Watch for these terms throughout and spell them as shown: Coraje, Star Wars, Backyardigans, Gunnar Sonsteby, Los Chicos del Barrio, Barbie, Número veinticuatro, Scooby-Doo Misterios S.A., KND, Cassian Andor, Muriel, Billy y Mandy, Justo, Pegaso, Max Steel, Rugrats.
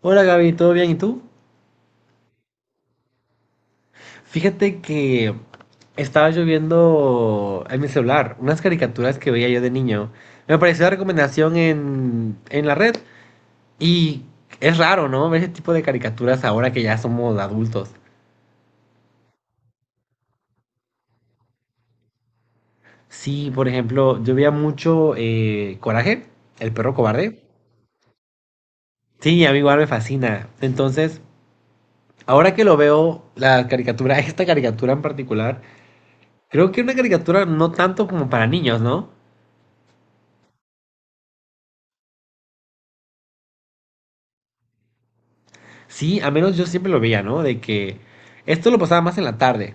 Hola Gaby, ¿todo bien? ¿Y tú? Fíjate que estaba yo viendo en mi celular unas caricaturas que veía yo de niño. Me apareció la recomendación en la red y es raro, ¿no? Ver ese tipo de caricaturas ahora que ya somos adultos. Sí, por ejemplo, yo veía mucho Coraje, el perro cobarde. Sí, a mí igual me fascina. Entonces, ahora que lo veo, la caricatura, esta caricatura en particular, creo que era una caricatura no tanto como para niños, ¿no? Sí, al menos yo siempre lo veía, ¿no? De que esto lo pasaba más en la tarde.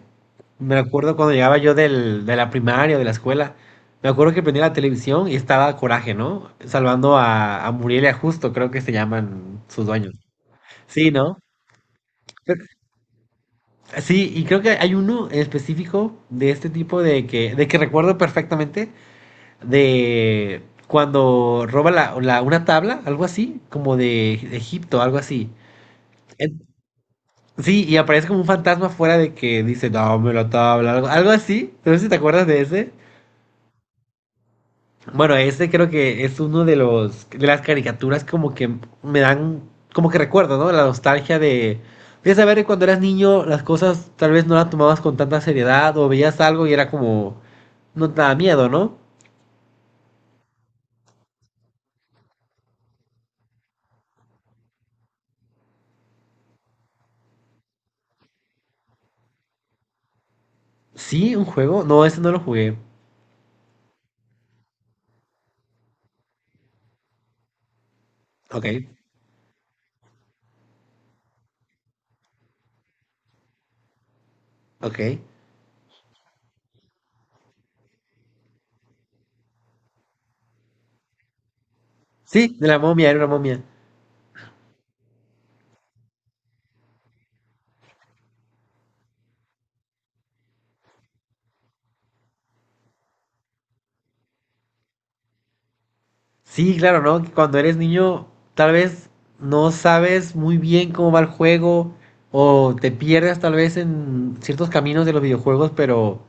Me acuerdo cuando llegaba yo de la primaria, o de la escuela. Me acuerdo que prendía la televisión y estaba Coraje, ¿no? Salvando a Muriel y a Justo, creo que se llaman sus dueños. Sí, ¿no? Pero- sí, y creo que hay uno en específico de este tipo de que recuerdo perfectamente de cuando roba una tabla, algo así, como de Egipto, algo así. Sí, y aparece como un fantasma fuera de que dice, no, me lo tabla, algo, algo así. No sé si te acuerdas de ese. Bueno, ese creo que es uno de los de las caricaturas como que me dan, como que recuerdo, ¿no? La nostalgia de saber que cuando eras niño las cosas tal vez no las tomabas con tanta seriedad o veías algo y era como, no te daba miedo, ¿no? Sí, un juego. No, ese no lo jugué. Ok, ok. Sí, de la momia, era una momia. Sí, claro, ¿no? Que cuando eres niño, tal vez no sabes muy bien cómo va el juego o te pierdes tal vez en ciertos caminos de los videojuegos, pero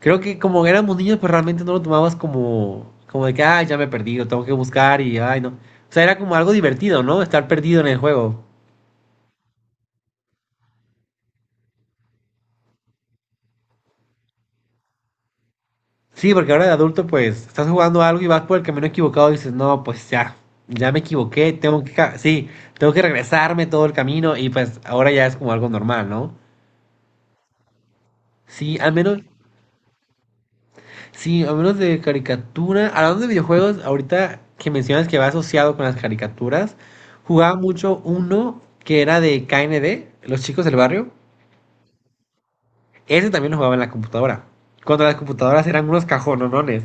creo que como éramos niños, pues realmente no lo tomabas como, como de que, ah, ya me perdí, lo tengo que buscar y, ay, no. O sea, era como algo divertido, ¿no? Estar perdido en el juego. Sí, porque ahora de adulto, pues, estás jugando algo y vas por el camino equivocado y dices, no, pues ya, ya me equivoqué, tengo que, sí, tengo que regresarme todo el camino y pues ahora ya es como algo normal, ¿no? Sí, al menos, sí, al menos de caricatura. Hablando de videojuegos, ahorita que mencionas que va asociado con las caricaturas, jugaba mucho uno que era de KND, Los Chicos del Barrio. Ese también lo jugaba en la computadora. Cuando las computadoras eran unos cajonones.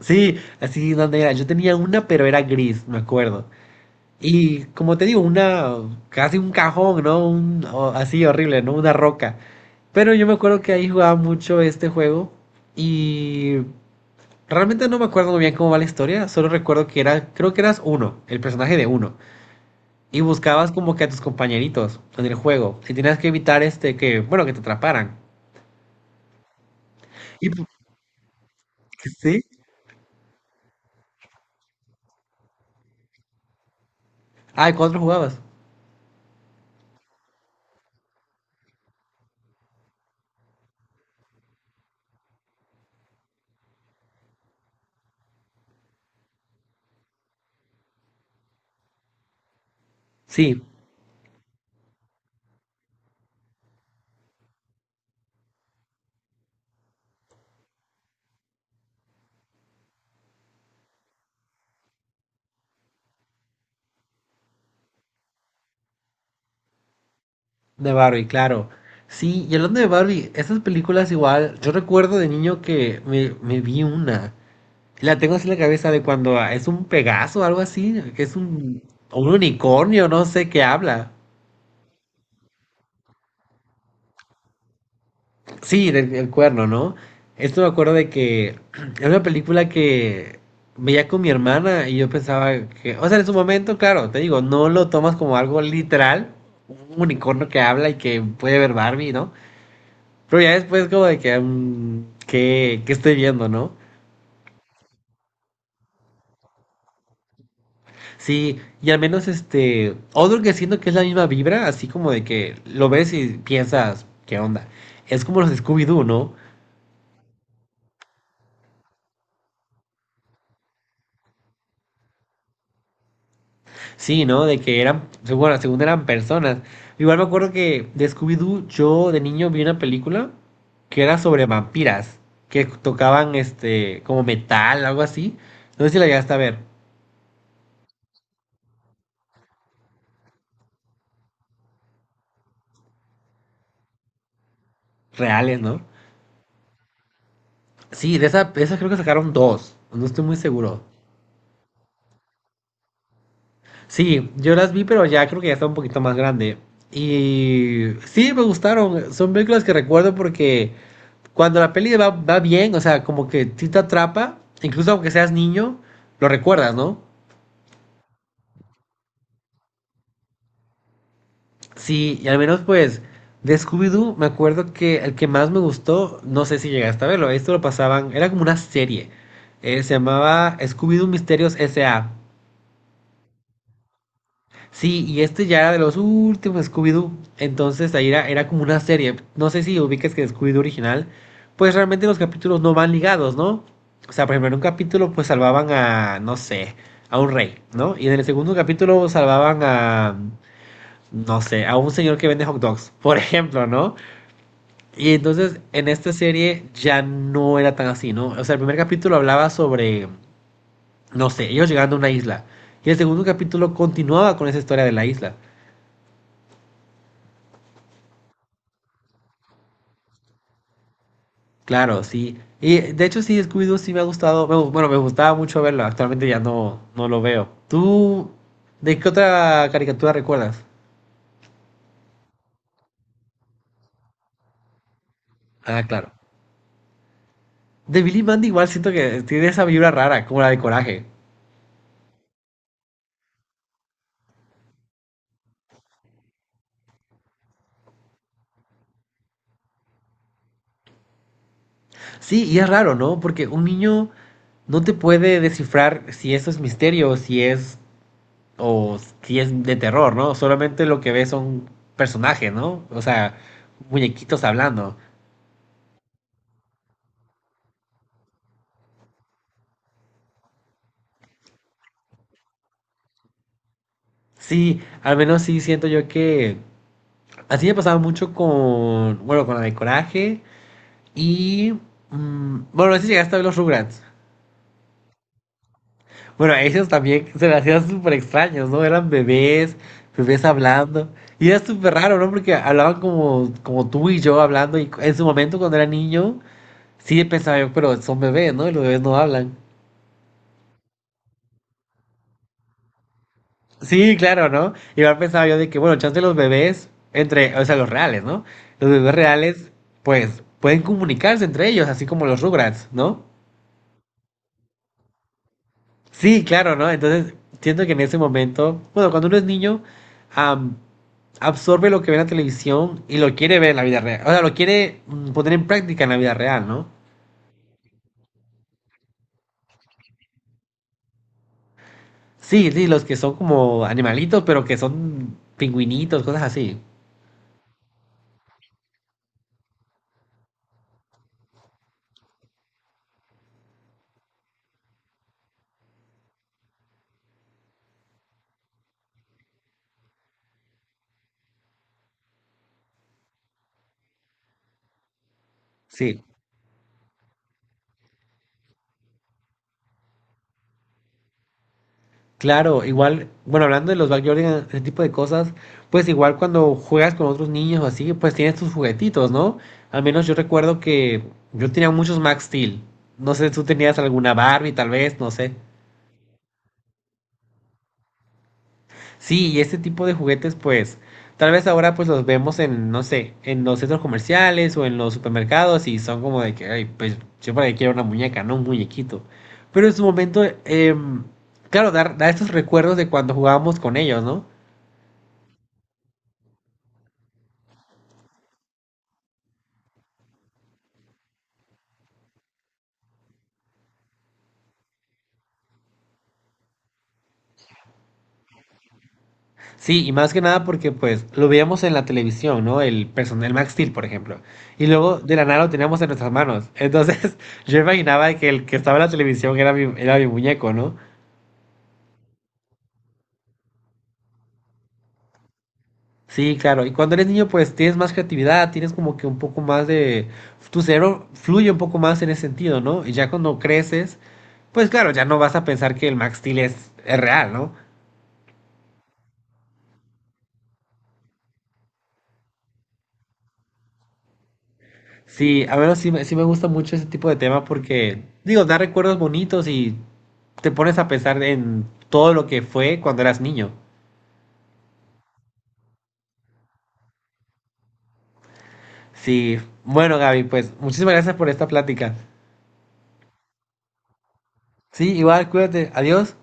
Sí, así donde era. Yo tenía una, pero era gris, me acuerdo. Y como te digo, una, casi un cajón, ¿no? Un, así horrible, ¿no? Una roca. Pero yo me acuerdo que ahí jugaba mucho este juego. Y realmente no me acuerdo muy bien cómo va la historia, solo recuerdo que era, creo que eras uno, el personaje de uno, y buscabas como que a tus compañeritos en el juego, y tenías que evitar este que, bueno, que te atraparan. Y pu- sí. Ah, ¿y cuatro jugabas? Sí, de Barbie, claro. Sí, y hablando de Barbie, estas películas igual, yo recuerdo de niño que me vi una. La tengo así en la cabeza de cuando ah, es un Pegaso o algo así, que es un, o un unicornio, no sé qué habla. Sí, del cuerno, ¿no? Esto me acuerdo de que era una película que veía con mi hermana y yo pensaba que, o sea, en su momento, claro, te digo, no lo tomas como algo literal, un unicornio que habla y que puede ver Barbie, ¿no? Pero ya después como de que, mm, qué que estoy viendo, ¿no? Sí, y al menos este, otro que siento que es la misma vibra, así como de que lo ves y piensas, ¿qué onda? Es como los de Scooby-Doo, ¿no? Sí, ¿no? De que eran, bueno, según eran personas. Igual me acuerdo que de Scooby-Doo, yo de niño vi una película que era sobre vampiras, que tocaban este, como metal, algo así. No sé si la llegaste a ver. Reales, ¿no? Sí, de esa, de esas creo que sacaron dos. No estoy muy seguro. Sí, yo las vi, pero ya creo que ya estaba un poquito más grande. Y sí, me gustaron. Son películas que recuerdo porque cuando la peli va bien, o sea, como que sí te atrapa, incluso aunque seas niño, lo recuerdas, ¿no? Sí, y al menos pues de Scooby-Doo me acuerdo que el que más me gustó, no sé si llegaste a verlo, esto lo pasaban, era como una serie, se llamaba Scooby-Doo Misterios S.A. Sí, y este ya era de los últimos Scooby-Doo. Entonces ahí era, era como una serie. No sé si ubicas que Scooby-Doo original, pues realmente los capítulos no van ligados, ¿no? O sea, por ejemplo, en un capítulo pues salvaban a, no sé, a un rey, ¿no? Y en el segundo capítulo salvaban a, no sé, a un señor que vende hot dogs, por ejemplo, ¿no? Y entonces en esta serie ya no era tan así, ¿no? O sea, el primer capítulo hablaba sobre, no sé, ellos llegando a una isla. Y el segundo capítulo continuaba con esa historia de la isla. Claro, sí. Y de hecho sí, Scooby-Doo sí me ha gustado, bueno, me gustaba mucho verlo, actualmente ya no, no lo veo. ¿Tú de qué otra caricatura recuerdas? Ah, claro. De Billy y Mandy igual siento que tiene esa vibra rara, como la de Coraje. Sí, y es raro, ¿no? Porque un niño no te puede descifrar si eso es misterio, si es, o si es de terror, ¿no? Solamente lo que ve son personajes, ¿no? O sea, muñequitos hablando. Sí, al menos sí siento yo que así me pasaba mucho con, bueno, con la de Coraje y, mm, bueno, a veces llegaste a ver los Rugrats. Bueno, a ellos también se me hacían súper extraños, ¿no? Eran bebés, bebés hablando. Y era súper raro, ¿no? Porque hablaban como, como tú y yo hablando. Y en su momento, cuando era niño, sí pensaba yo, pero son bebés, ¿no? Y los bebés no hablan. Sí, claro, ¿no? Igual pensaba yo de que, bueno, chance los bebés, entre, o sea, los reales, ¿no? Los bebés reales, pues, pueden comunicarse entre ellos, así como los Rugrats, ¿no? Sí, claro, ¿no? Entonces, siento que en ese momento, bueno, cuando uno es niño, am, absorbe lo que ve en la televisión y lo quiere ver en la vida real. O sea, lo quiere poner en práctica en la vida real, ¿no? Sí, sí, los que son como animalitos, pero que son pingüinitos, cosas así. Sí, claro, igual, bueno, hablando de los backyardigans, ese tipo de cosas, pues igual cuando juegas con otros niños o así, pues tienes tus juguetitos, ¿no? Al menos yo recuerdo que yo tenía muchos Max Steel. No sé, tú tenías alguna Barbie, tal vez, no sé. Sí, y este tipo de juguetes, pues, tal vez ahora pues los vemos en, no sé, en los centros comerciales o en los supermercados y son como de que, ay, pues yo para qué quiero una muñeca, no un muñequito. Pero en su momento, claro, dar, da estos recuerdos de cuando jugábamos con ellos, ¿no? Sí, y más que nada porque pues lo veíamos en la televisión, ¿no? El personal Max Steel, por ejemplo. Y luego de la nada lo teníamos en nuestras manos. Entonces yo imaginaba que el que estaba en la televisión era mi muñeco, ¿no? Sí, claro. Y cuando eres niño, pues tienes más creatividad, tienes como que un poco más de... Tu cerebro fluye un poco más en ese sentido, ¿no? Y ya cuando creces, pues claro, ya no vas a pensar que el Max Steel es real, ¿no? Sí, a menos sí, sí me gusta mucho ese tipo de tema porque, digo, da recuerdos bonitos y te pones a pensar en todo lo que fue cuando eras niño. Sí, bueno, Gaby, pues muchísimas gracias por esta plática. Sí, igual, cuídate. Adiós.